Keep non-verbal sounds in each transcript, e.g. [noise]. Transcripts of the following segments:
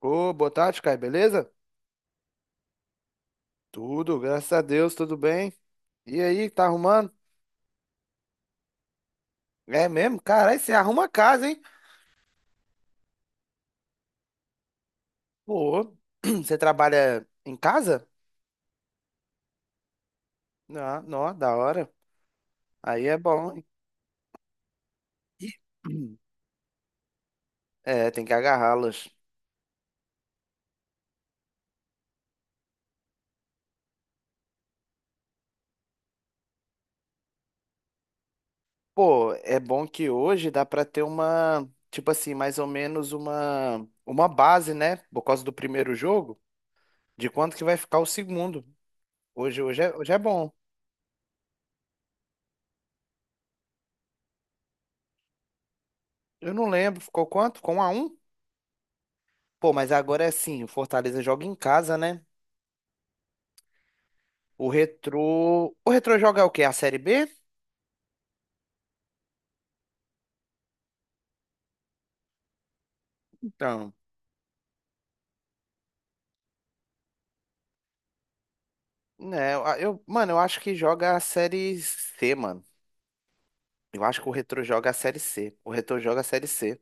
Ô, boa tarde, Caio, beleza? Tudo, graças a Deus, tudo bem. E aí, tá arrumando? É mesmo? Caralho, você arruma a casa, hein? Pô, [clears throat] você trabalha em casa? Ah, não, da hora. Aí é bom, hein? E- [clears throat] É, tem que agarrá-las. Pô, é bom que hoje dá pra ter uma, tipo assim, mais ou menos uma base, né? Por causa do primeiro jogo, de quanto que vai ficar o segundo. Hoje é bom. Eu não lembro, ficou quanto? Com 1 a 1? Pô, mas agora é assim, o Fortaleza joga em casa, né? O Retrô. O Retrô joga o quê? A Série B? Então. Né, mano, eu acho que joga a Série C, mano. Eu acho que o Retrô joga a Série C. O Retrô joga a Série C.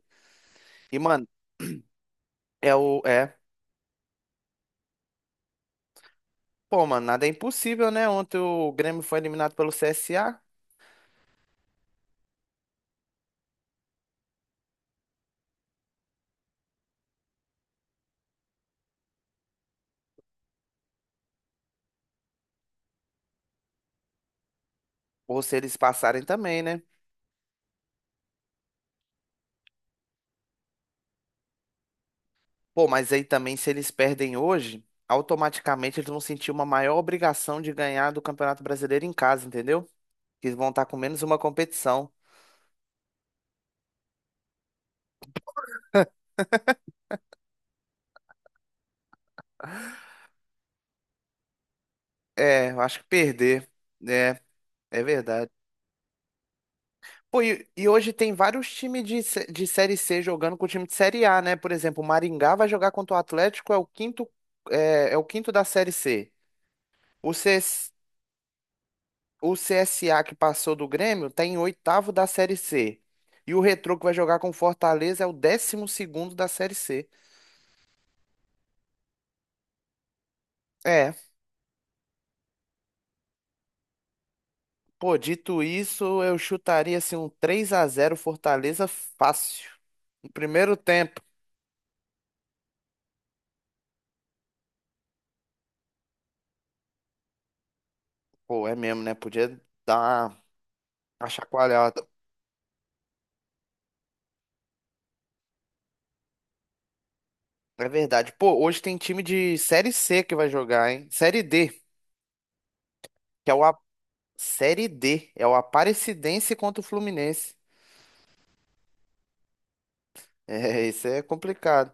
E, mano, é o. É. Pô, mano, nada é impossível, né? Ontem o Grêmio foi eliminado pelo CSA. Ou se eles passarem também, né? Pô, mas aí também, se eles perdem hoje, automaticamente eles vão sentir uma maior obrigação de ganhar do Campeonato Brasileiro em casa, entendeu? Que eles vão estar com menos uma competição. É, eu acho que perder. É, é verdade. Pô, e hoje tem vários times de Série C jogando com o time de Série A, né? Por exemplo, o Maringá vai jogar contra o Atlético, é o quinto da Série C. O, CS, o CSA que passou do Grêmio tá em oitavo da Série C. E o Retrô que vai jogar com o Fortaleza é o 12º da Série C. É, pô, dito isso, eu chutaria assim um 3 a 0 Fortaleza fácil. No primeiro tempo. Pô, é mesmo, né? Podia dar uma chacoalhada. É verdade. Pô, hoje tem time de Série C que vai jogar, hein? Série D, que é o A... Série D, é o Aparecidense contra o Fluminense. [laughs] É, isso é complicado.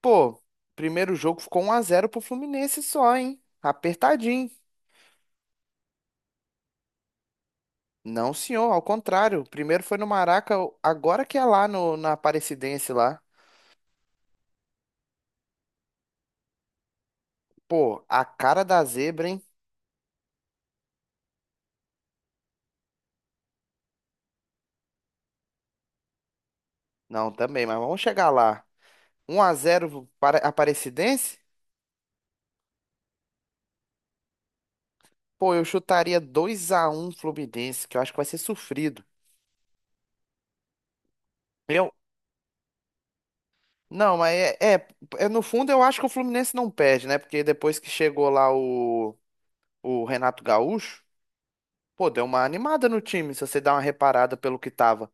Pô, primeiro jogo ficou 1 a 0 pro Fluminense só, hein? Apertadinho. Não, senhor, ao contrário. Primeiro foi no Maraca, agora que é lá no, na Aparecidense lá. Pô, a cara da zebra, hein? Não, também, mas vamos chegar lá. 1 a 0 para Aparecidense? Pô, eu chutaria 2 a 1 Fluminense, que eu acho que vai ser sofrido. Eu. Não, mas no fundo, eu acho que o Fluminense não perde, né? Porque depois que chegou lá o Renato Gaúcho, pô, deu uma animada no time, se você dá uma reparada pelo que tava.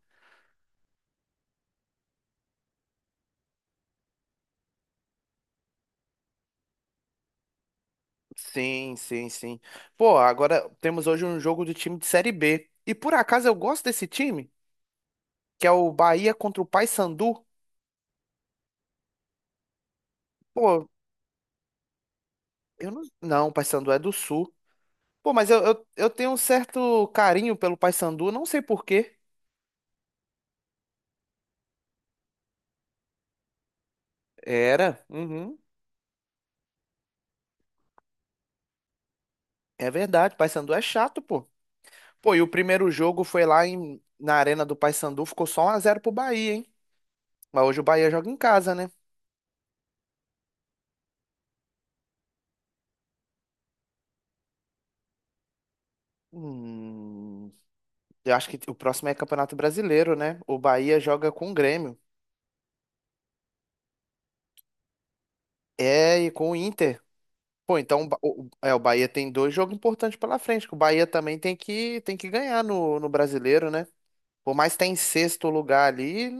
Sim, sim, sim. Pô, agora temos hoje um jogo do time de Série B. E por acaso eu gosto desse time, que é o Bahia contra o Paysandu. Pô, eu não. Não, o Paysandu é do Sul. Pô, mas eu tenho um certo carinho pelo Paysandu, não sei por quê. Era. Uhum. É verdade. Paysandu é chato, pô. Pô, e o primeiro jogo foi lá na Arena do Paysandu, ficou só 1 a 0 pro Bahia, hein? Mas hoje o Bahia joga em casa, né? Hum, eu acho que o próximo é Campeonato Brasileiro, né? O Bahia joga com o Grêmio. É, e com o Inter. Pô, então o, Ba- o- é, o Bahia tem dois jogos importantes pela frente, que o Bahia também tem que ganhar no Brasileiro, né? Por mais que tá em sexto lugar ali,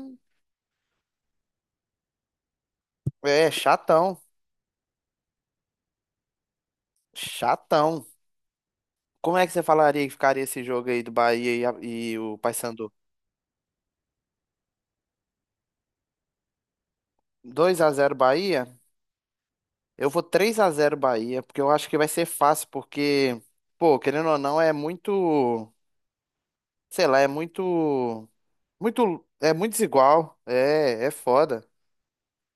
é chatão. Chatão. Como é que você falaria que ficaria esse jogo aí do Bahia e o Paysandu? 2 a 0 Bahia? Eu vou 3 a 0 Bahia, porque eu acho que vai ser fácil, porque, pô, querendo ou não, é muito, sei lá, é muito, muito, é muito desigual, é foda.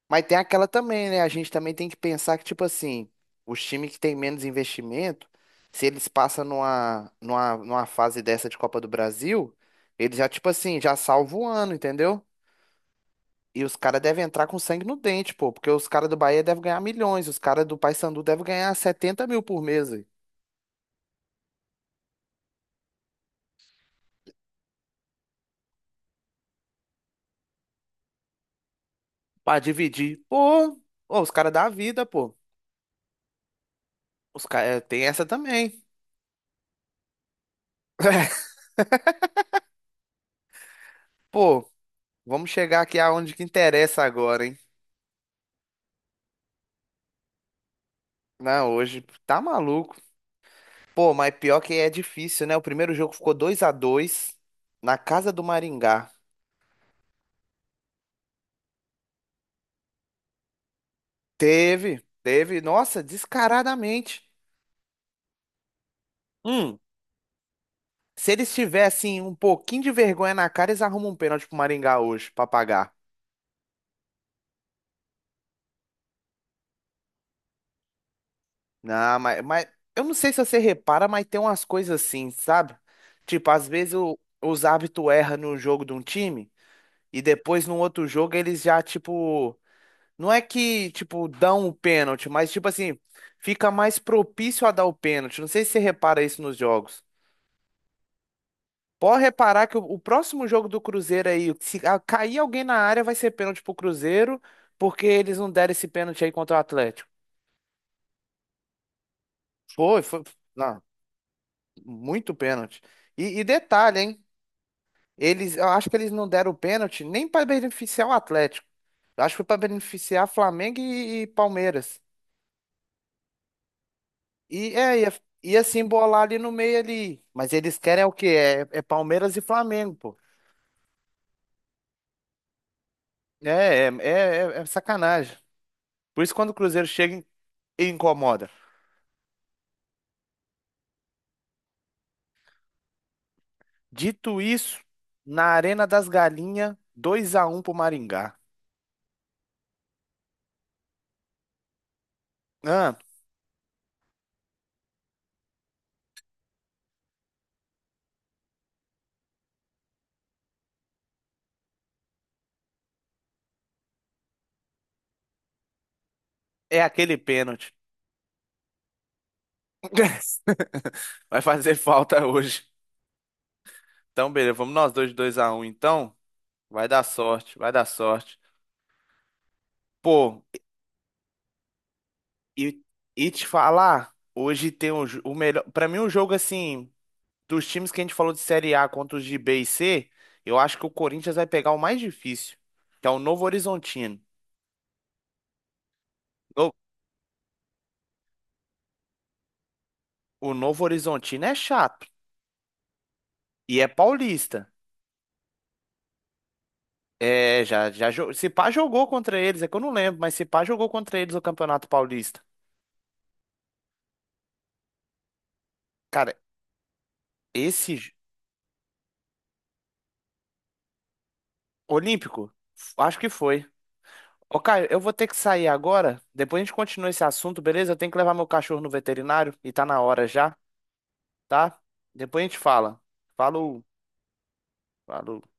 Mas tem aquela também, né? A gente também tem que pensar que, tipo assim, os times que têm menos investimento, se eles passam numa fase dessa de Copa do Brasil, eles já, tipo assim, já salvam o ano, entendeu? E os caras devem entrar com sangue no dente, pô, porque os caras do Bahia devem ganhar milhões, os caras do Paysandu devem ganhar 70 mil por mês, véi, pra dividir. Pô, ô, os caras da vida, pô. Os caras tem essa também. [laughs] Pô, vamos chegar aqui aonde que interessa agora, hein? Não, hoje tá maluco. Pô, mas pior que é difícil, né? O primeiro jogo ficou 2 a 2 na casa do Maringá. Teve, teve, nossa, descaradamente. Hum, Se eles tivessem um pouquinho de vergonha na cara, eles arrumam um pênalti pro Maringá hoje pra pagar. Não, mas eu não sei se você repara, mas tem umas coisas assim, sabe? Tipo, às vezes os árbitros erram no jogo de um time e depois no outro jogo eles já, tipo. Não é que, tipo, dão o pênalti, mas, tipo assim, fica mais propício a dar o pênalti. Não sei se você repara isso nos jogos. Pode reparar que o próximo jogo do Cruzeiro aí, se cair alguém na área, vai ser pênalti pro Cruzeiro, porque eles não deram esse pênalti aí contra o Atlético. Foi, foi, não, muito pênalti. E detalhe, hein? Eles, eu acho que eles não deram o pênalti nem para beneficiar o Atlético. Eu acho que foi para beneficiar Flamengo e Palmeiras. E ia se embolar ali no meio ali. Mas eles querem é o quê? É, é Palmeiras e Flamengo, pô. É sacanagem. Por isso quando o Cruzeiro chega e incomoda. Dito isso, na Arena das Galinhas, 2x1 pro Maringá. Ah, é aquele pênalti. [laughs] Vai fazer falta hoje. Então, beleza, vamos nós dois de 2x1, então. Vai dar sorte, vai dar sorte. Pô, e, e te falar, hoje tem o melhor. Pra mim, o jogo assim, dos times que a gente falou de Série A contra os de B e C, eu acho que o Corinthians vai pegar o mais difícil, que é o Novo Horizontino. No- o Novo Horizontino é chato e é paulista. É, se pá jogou contra eles, é que eu não lembro, mas se pá jogou contra eles o Campeonato Paulista. Cara, esse j- Olímpico, acho que foi. Ô, Caio, eu vou ter que sair agora. Depois a gente continua esse assunto, beleza? Eu tenho que levar meu cachorro no veterinário e tá na hora já, tá? Depois a gente fala. Falou, falou.